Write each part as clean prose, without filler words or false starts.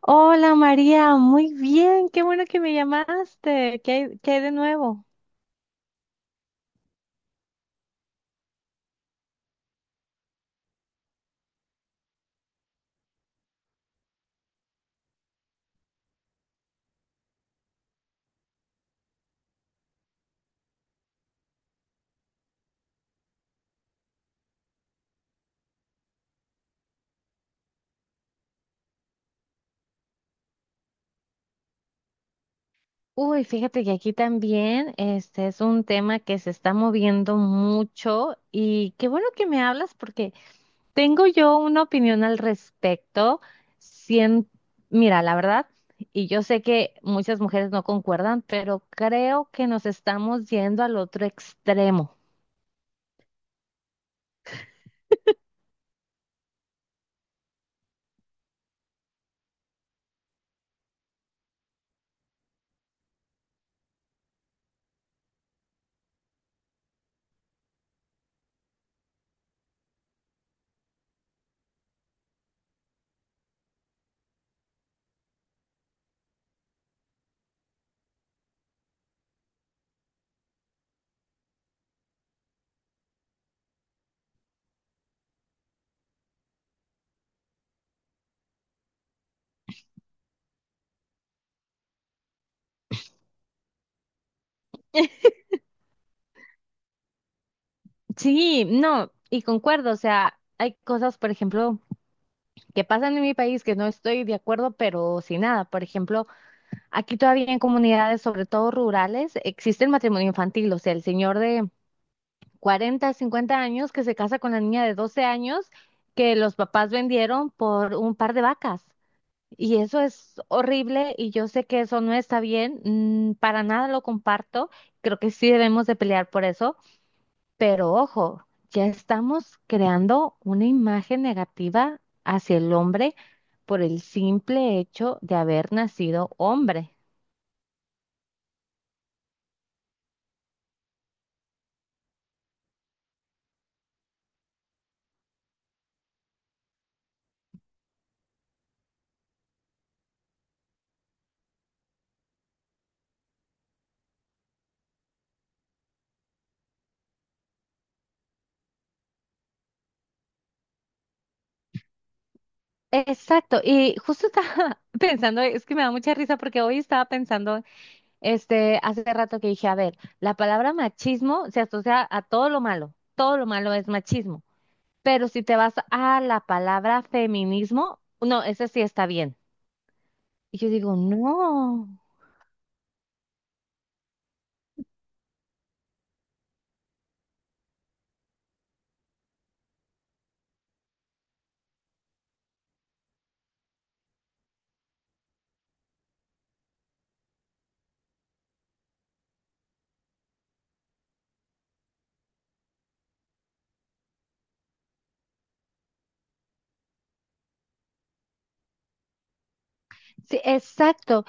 Hola María, muy bien, qué bueno que me llamaste. Qué hay de nuevo? Uy, fíjate que aquí también este es un tema que se está moviendo mucho y qué bueno que me hablas porque tengo yo una opinión al respecto. Sien- Mira, la verdad, y yo sé que muchas mujeres no concuerdan, pero creo que nos estamos yendo al otro extremo. Sí, no, y concuerdo, o sea, hay cosas, por ejemplo, que pasan en mi país que no estoy de acuerdo, pero sin nada. Por ejemplo, aquí todavía en comunidades, sobre todo rurales, existe el matrimonio infantil, o sea, el señor de 40, 50 años que se casa con la niña de 12 años que los papás vendieron por un par de vacas. Y eso es horrible y yo sé que eso no está bien, para nada lo comparto, creo que sí debemos de pelear por eso, pero ojo, ya estamos creando una imagen negativa hacia el hombre por el simple hecho de haber nacido hombre. Exacto, y justo estaba pensando, es que me da mucha risa porque hoy estaba pensando, hace rato que dije, a ver, la palabra machismo se asocia a todo lo malo es machismo, pero si te vas a la palabra feminismo, no, ese sí está bien. Y yo digo, no, sí, exacto.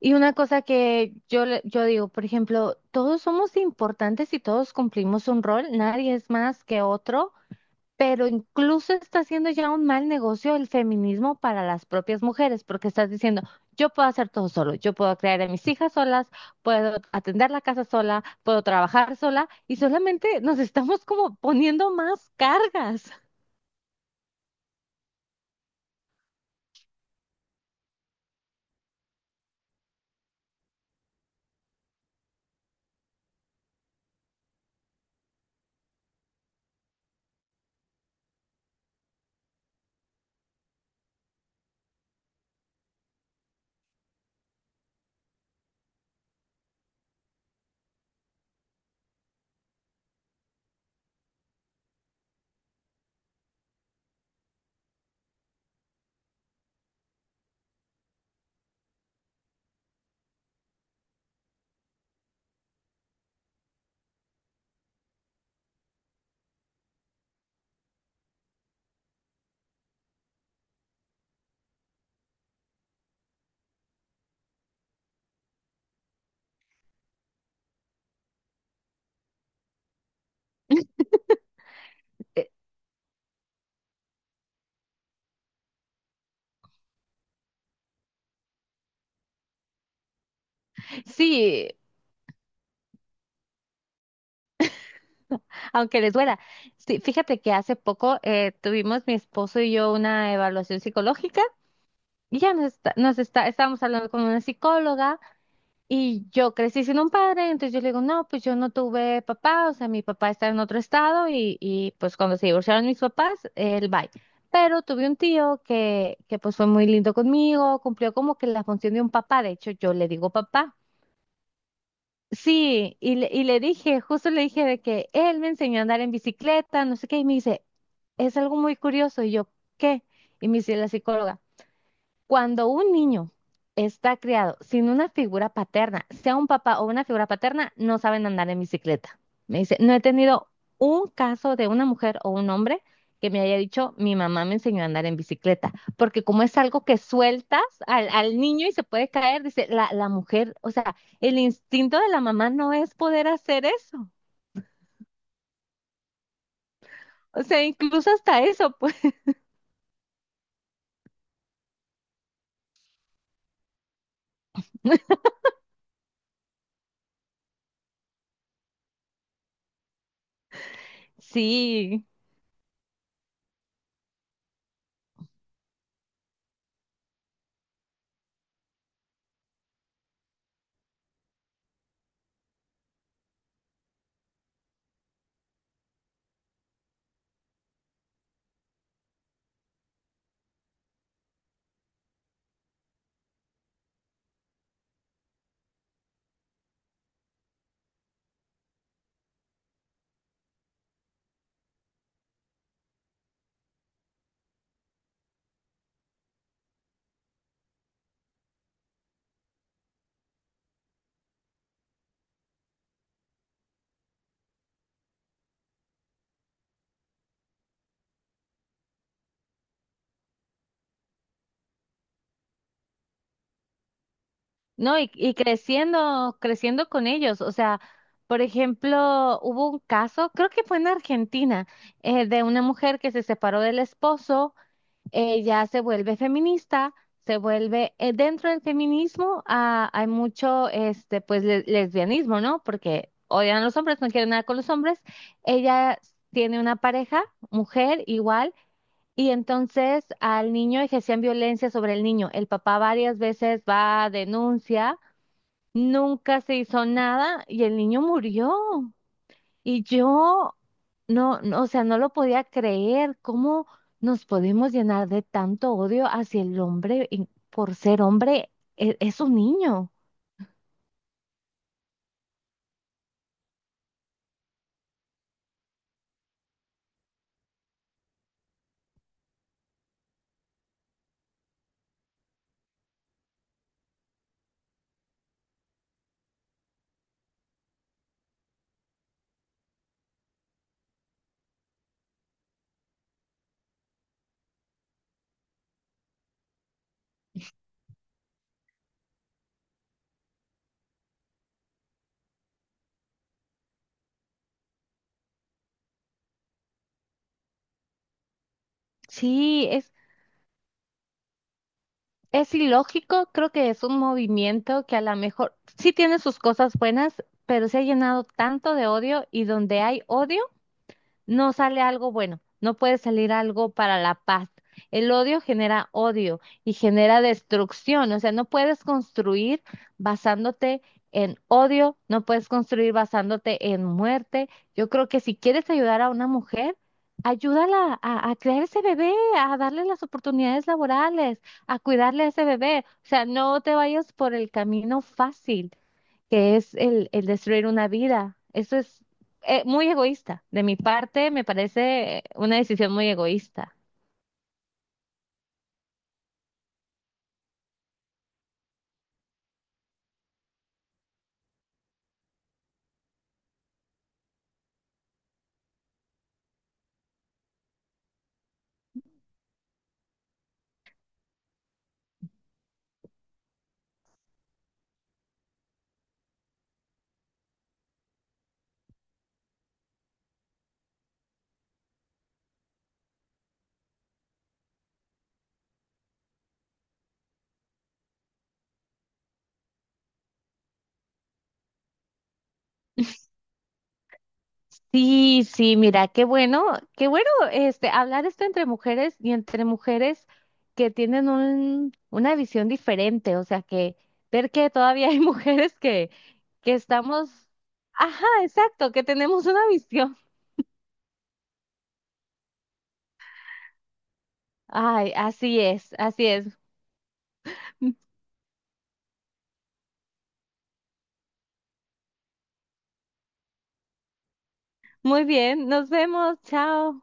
Y una cosa que yo, yo digo, por ejemplo, todos somos importantes y todos cumplimos un rol, nadie es más que otro, pero incluso está haciendo ya un mal negocio el feminismo para las propias mujeres, porque estás diciendo, yo puedo hacer todo solo, yo puedo crear a mis hijas solas, puedo atender la casa sola, puedo trabajar sola, y solamente nos estamos como poniendo más cargas. Eh, Sí, aunque les duela. Sí, fíjate que hace poco tuvimos mi esposo y yo una evaluación psicológica y ya estábamos hablando con una psicóloga y yo crecí sin un padre, entonces yo le digo, no, pues yo no tuve papá, o sea, mi papá está en otro estado y pues cuando se divorciaron mis papás, él va. Pero tuve un tío que pues fue muy lindo conmigo, cumplió como que la función de un papá, de hecho yo le digo papá. Sí, y le dije, justo le dije de que él me enseñó a andar en bicicleta, no sé qué, y me dice, es algo muy curioso, y yo, ¿qué? Y me dice la psicóloga. Cuando un niño está criado sin una figura paterna, sea un papá o una figura paterna, no saben andar en bicicleta. Me dice, no he tenido un caso de una mujer o un hombre que me haya dicho, mi mamá me enseñó a andar en bicicleta, porque como es algo que sueltas al niño y se puede caer, dice, la mujer, o sea, el instinto de la mamá no es poder hacer eso. O sea, incluso hasta eso, pues, sí. No, y creciendo, creciendo con ellos. O sea, por ejemplo, hubo un caso, creo que fue en Argentina, de una mujer que se separó del esposo, ella se vuelve feminista, se vuelve, dentro del feminismo hay mucho, pues, lesbianismo, ¿no? Porque odian a los hombres, no quieren nada con los hombres. Ella tiene una pareja, mujer, igual. Y entonces al niño ejercían violencia sobre el niño. El papá varias veces va, denuncia. Nunca se hizo nada y el niño murió. Y yo no, o sea, no lo podía creer. ¿Cómo nos podemos llenar de tanto odio hacia el hombre y por ser hombre? Es, un niño. Sí, es ilógico. Creo que es un movimiento que a lo mejor sí tiene sus cosas buenas, pero se ha llenado tanto de odio y donde hay odio no sale algo bueno, no puede salir algo para la paz. El odio genera odio y genera destrucción, o sea, no puedes construir basándote en odio, no puedes construir basándote en muerte. Yo creo que si quieres ayudar a una mujer, ayúdala a crear ese bebé, a darle las oportunidades laborales, a cuidarle a ese bebé, o sea, no te vayas por el camino fácil que es el destruir una vida. Eso es muy egoísta. De mi parte, me parece una decisión muy egoísta. Sí, sí, mira, qué bueno este hablar esto entre mujeres y entre mujeres que tienen un, una visión diferente, o sea, que ver que todavía hay mujeres que estamos, ajá, exacto, que tenemos una visión. Ay, así es, así es. Muy bien, nos vemos, chao.